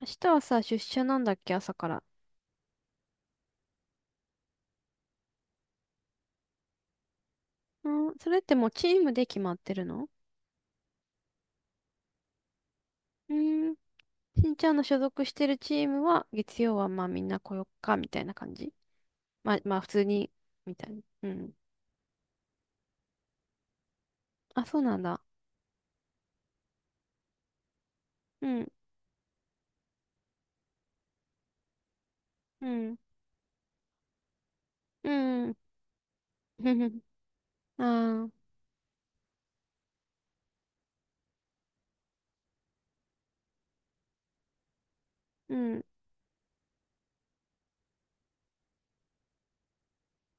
明日はさ、出社なんだっけ、朝から。うん、それってもうチームで決まってるの？うん。しんちゃんの所属してるチームは、月曜はまあみんな来よっか、みたいな感じ。まあ普通に、みたいな。うん。あ、そうなんだ。うん、うん、うん。ああ、うん、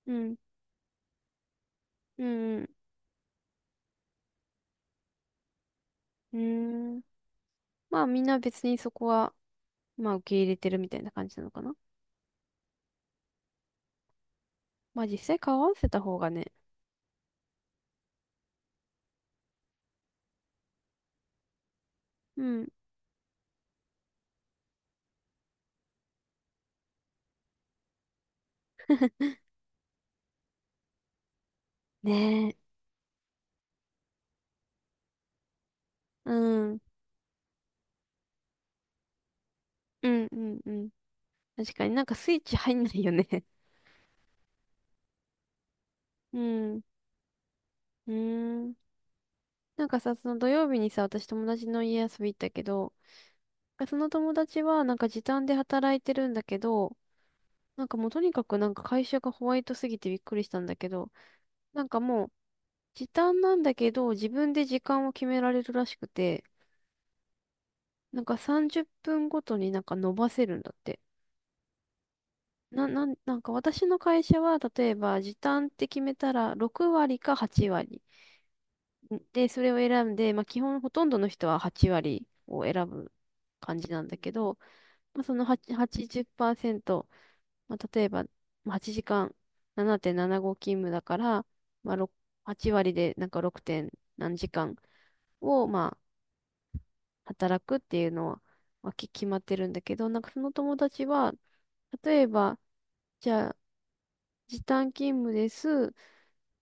うん、うん、うん。まあみんな別にそこは、まあ受け入れてるみたいな感じなのかな。まあ実際顔合わせた方がね。うん。ねえ。うん、うん、うん、うん。確かになんかスイッチ入んないよね。 うん。うーん。なんかさ、その土曜日にさ、私友達の家遊び行ったけど、その友達はなんか時短で働いてるんだけど、なんかもうとにかくなんか会社がホワイトすぎてびっくりしたんだけど、なんかもう時短なんだけど、自分で時間を決められるらしくて、なんか30分ごとになんか伸ばせるんだって。なんか私の会社は例えば時短って決めたら6割か8割。で、それを選んで、まあ、基本ほとんどの人は8割を選ぶ感じなんだけど、まあ、その8ン0まあ、例えばまあ8時間7.75勤務だから、まあ、ろく8割でなんか 6. 点何時間をまあ働くっていうのは、まあ、決まってるんだけど、なんかその友達は、例えば、じゃあ時短勤務です。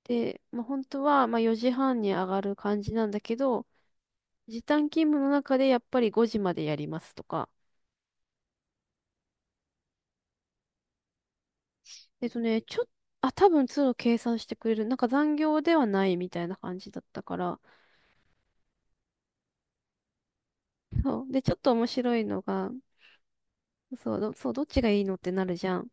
で、まあ、本当はまあ4時半に上がる感じなんだけど、時短勤務の中でやっぱり5時までやりますとか。えっとね、ちょっ、あ、多分通路計算してくれる。なんか残業ではないみたいな感じだったから。そう。で、ちょっと面白いのが、そう、どっちがいいのってなるじゃん。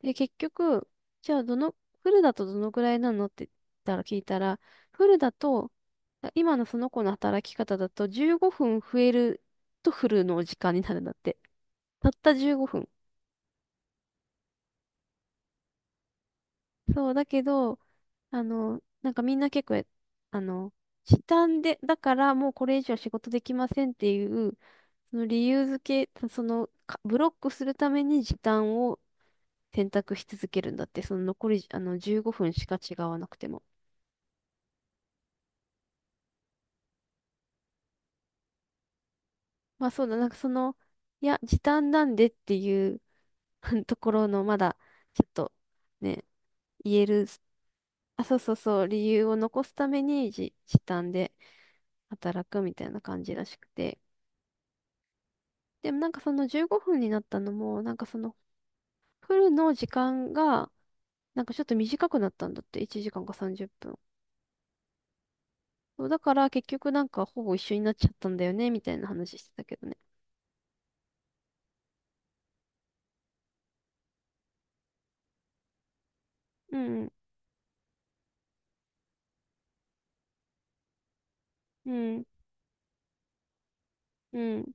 で、結局、じゃあどの、フルだとどのぐらいなのって言ったら聞いたら、フルだと、あ今のその子の働き方だと15分増えるとフルの時間になるんだって。たった15分。そう、だけど、あの、なんかみんな結構、あの、時短で、だからもうこれ以上仕事できませんっていう、その理由付け、ブロックするために時短を選択し続けるんだって、その残り、あの、15分しか違わなくても。まあそうだ、なんかその、いや、時短なんでっていう ところの、まだ、ちょっと、ね、言える、あ、そうそうそう、理由を残すために時短で働くみたいな感じらしくて。でもなんかその15分になったのも、なんかそのフルの時間が、なんかちょっと短くなったんだって、1時間か30分。そうだから結局なんかほぼ一緒になっちゃったんだよね、みたいな話してたけどね。うんうん、うん、うん。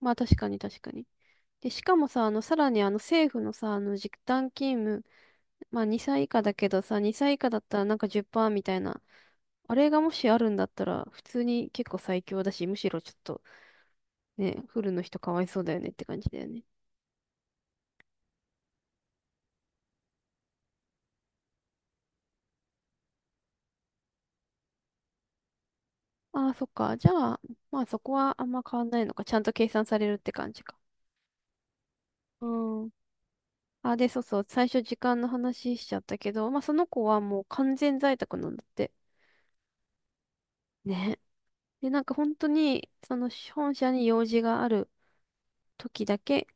まあ確かに確かに。で、しかもさ、あの、さらにあの政府のさ、あの時短勤務、まあ2歳以下だけどさ、2歳以下だったらなんか10%みたいな、あれがもしあるんだったら、普通に結構最強だし、むしろちょっとね、フルの人かわいそうだよねって感じだよね。ああ、そっか。じゃあ、まあそこはあんま変わんないのか。ちゃんと計算されるって感じか。うん。あ、で、そうそう。最初時間の話しちゃったけど、まあその子はもう完全在宅なんだって。ね。で、なんか本当に、その本社に用事がある時だけ、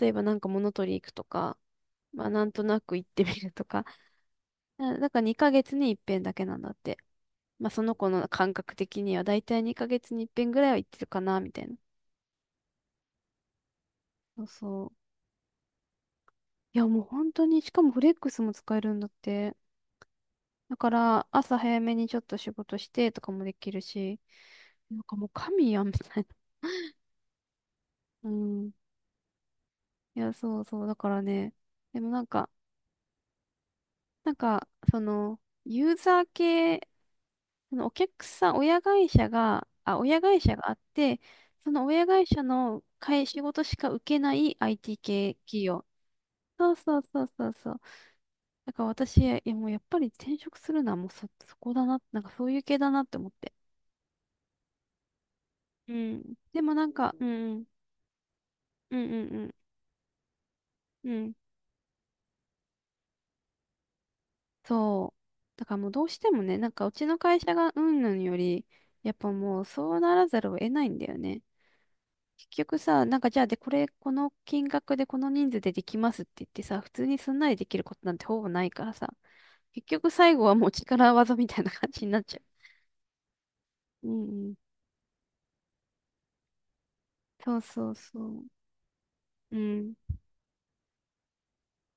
例えばなんか物取り行くとか、まあなんとなく行ってみるとか、なんか2ヶ月に一遍だけなんだって。まあその子の感覚的にはだいたい2ヶ月に一遍ぐらいは行ってるかな、みたいな。そうそう。いや、もう本当に、しかもフレックスも使えるんだって。だから、朝早めにちょっと仕事してとかもできるし、なんかもう神やん、みたいな。うん。いや、そうそう。だからね、でもなんか、なんか、その、ユーザー系、そのお客さん、親会社が、あ、親会社があって、その親会社の仕事しか受けない IT 系企業。そうそうそうそうそう。だから私、いやもうやっぱり転職するのはもうそ、そこだな、なんかそういう系だなって思って。うん。でもなんか、うん、うん、うん、うん、うん。そう。だからもうどうしてもね、なんかうちの会社がうんぬんより、やっぱもうそうならざるを得ないんだよね。結局さ、なんかじゃあでこれ、この金額でこの人数でできますって言ってさ、普通にすんなりできることなんてほぼないからさ、結局最後はもう力技みたいな感じになっちゃう。うんうん。そうそうそう。うん。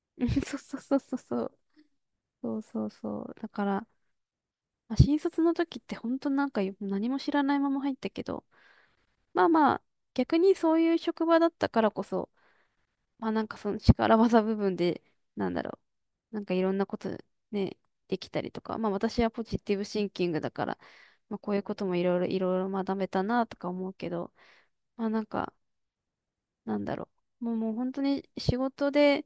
うんそうそうそうそうそう。そうそうそう。だから、まあ、新卒の時って本当なんか何も知らないまま入ったけど、まあまあ、逆にそういう職場だったからこそ、まあなんかその力技部分で、なんだろう、なんかいろんなことね、できたりとか、まあ私はポジティブシンキングだから、まあこういうこともいろいろいろいろ学べたなとか思うけど、まあなんか、なんだろう、もう本当に仕事で、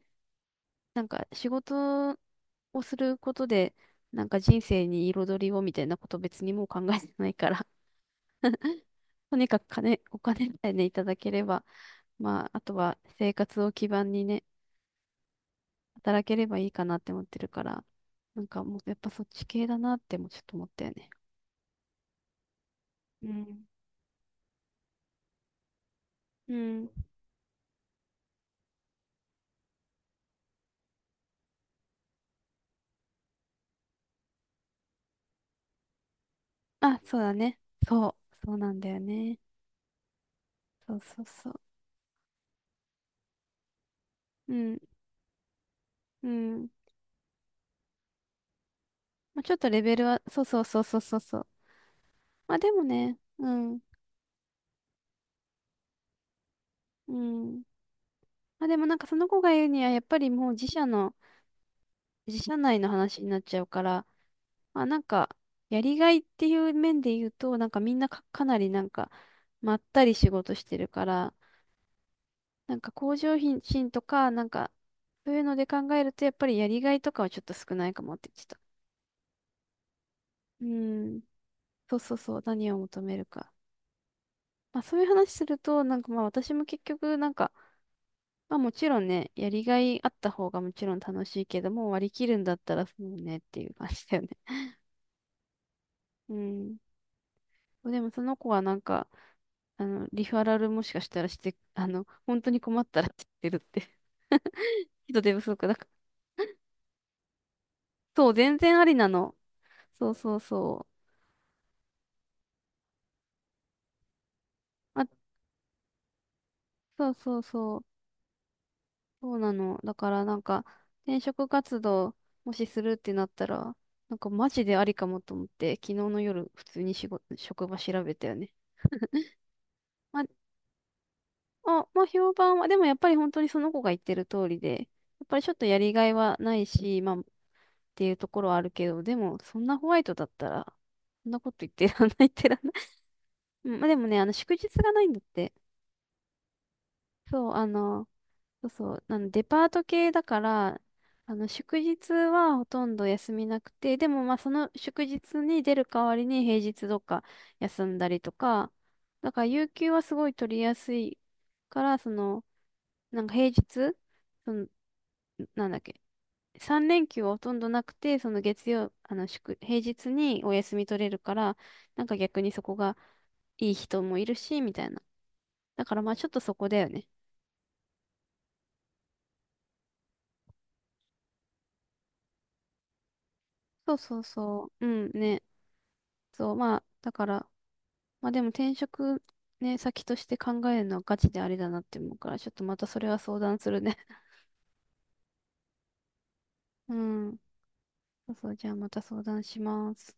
なんか仕事をすることで、なんか人生に彩りをみたいなこと別にもう考えてないから。 とにかく金、お金さえね、いただければ、まあ、あとは生活を基盤にね、働ければいいかなって思ってるから、なんかもうやっぱそっち系だなってもちょっと思ったよね。うん。うん。あ、そうだね。そう、そうなんだよね。そうそうそう。うん、うん。まあ、ちょっとレベルは、そうそうそうそうそうそう。まあでもね、うん、うん。まあでもなんかその子が言うには、やっぱりもう自社の、自社内の話になっちゃうから、まあなんか、やりがいっていう面で言うと、なんかみんなか、かなりなんか、まったり仕事してるから、なんか向上心とか、なんか、そういうので考えると、やっぱりやりがいとかはちょっと少ないかもって言ってた。うん。そうそうそう。何を求めるか。まあそういう話すると、なんかまあ私も結局、なんか、まあもちろんね、やりがいあった方がもちろん楽しいけども、割り切るんだったらそうねっていう感じだよね。うん。でもその子はなんか、あの、リファラルもしかしたらして、あの、本当に困ったらって言ってるって。人手不足だから。そう、全然ありなの。そうそうそう。あ、そうそうそう。そうなの。だからなんか、転職活動、もしするってなったら、なんかマジでありかもと思って、昨日の夜、普通に仕事、職場調べたよね。ま、まあ、評判は、でもやっぱり本当にその子が言ってる通りで、やっぱりちょっとやりがいはないし、まあ、っていうところはあるけど、でも、そんなホワイトだったら、そんなこと言ってらんない言ってらんない。うんまあでもね、あの、祝日がないんだって。そう、あの、そうそう、あの、デパート系だから、あの、祝日はほとんど休みなくて、でもまあ、その祝日に出る代わりに平日どっか休んだりとか、だから、有給はすごい取りやすいから、その、なんか平日、その、なんだっけ、3連休はほとんどなくて、その月曜、あの祝、平日にお休み取れるから、なんか逆にそこがいい人もいるし、みたいな。だからまあちょっとそこだよね。そうそうそう。うんね。そう、まあ、だから、まあでも転職ね、先として考えるのはガチであれだなって思うから、ちょっとまたそれは相談するね。うん。そうそう、じゃあまた相談します。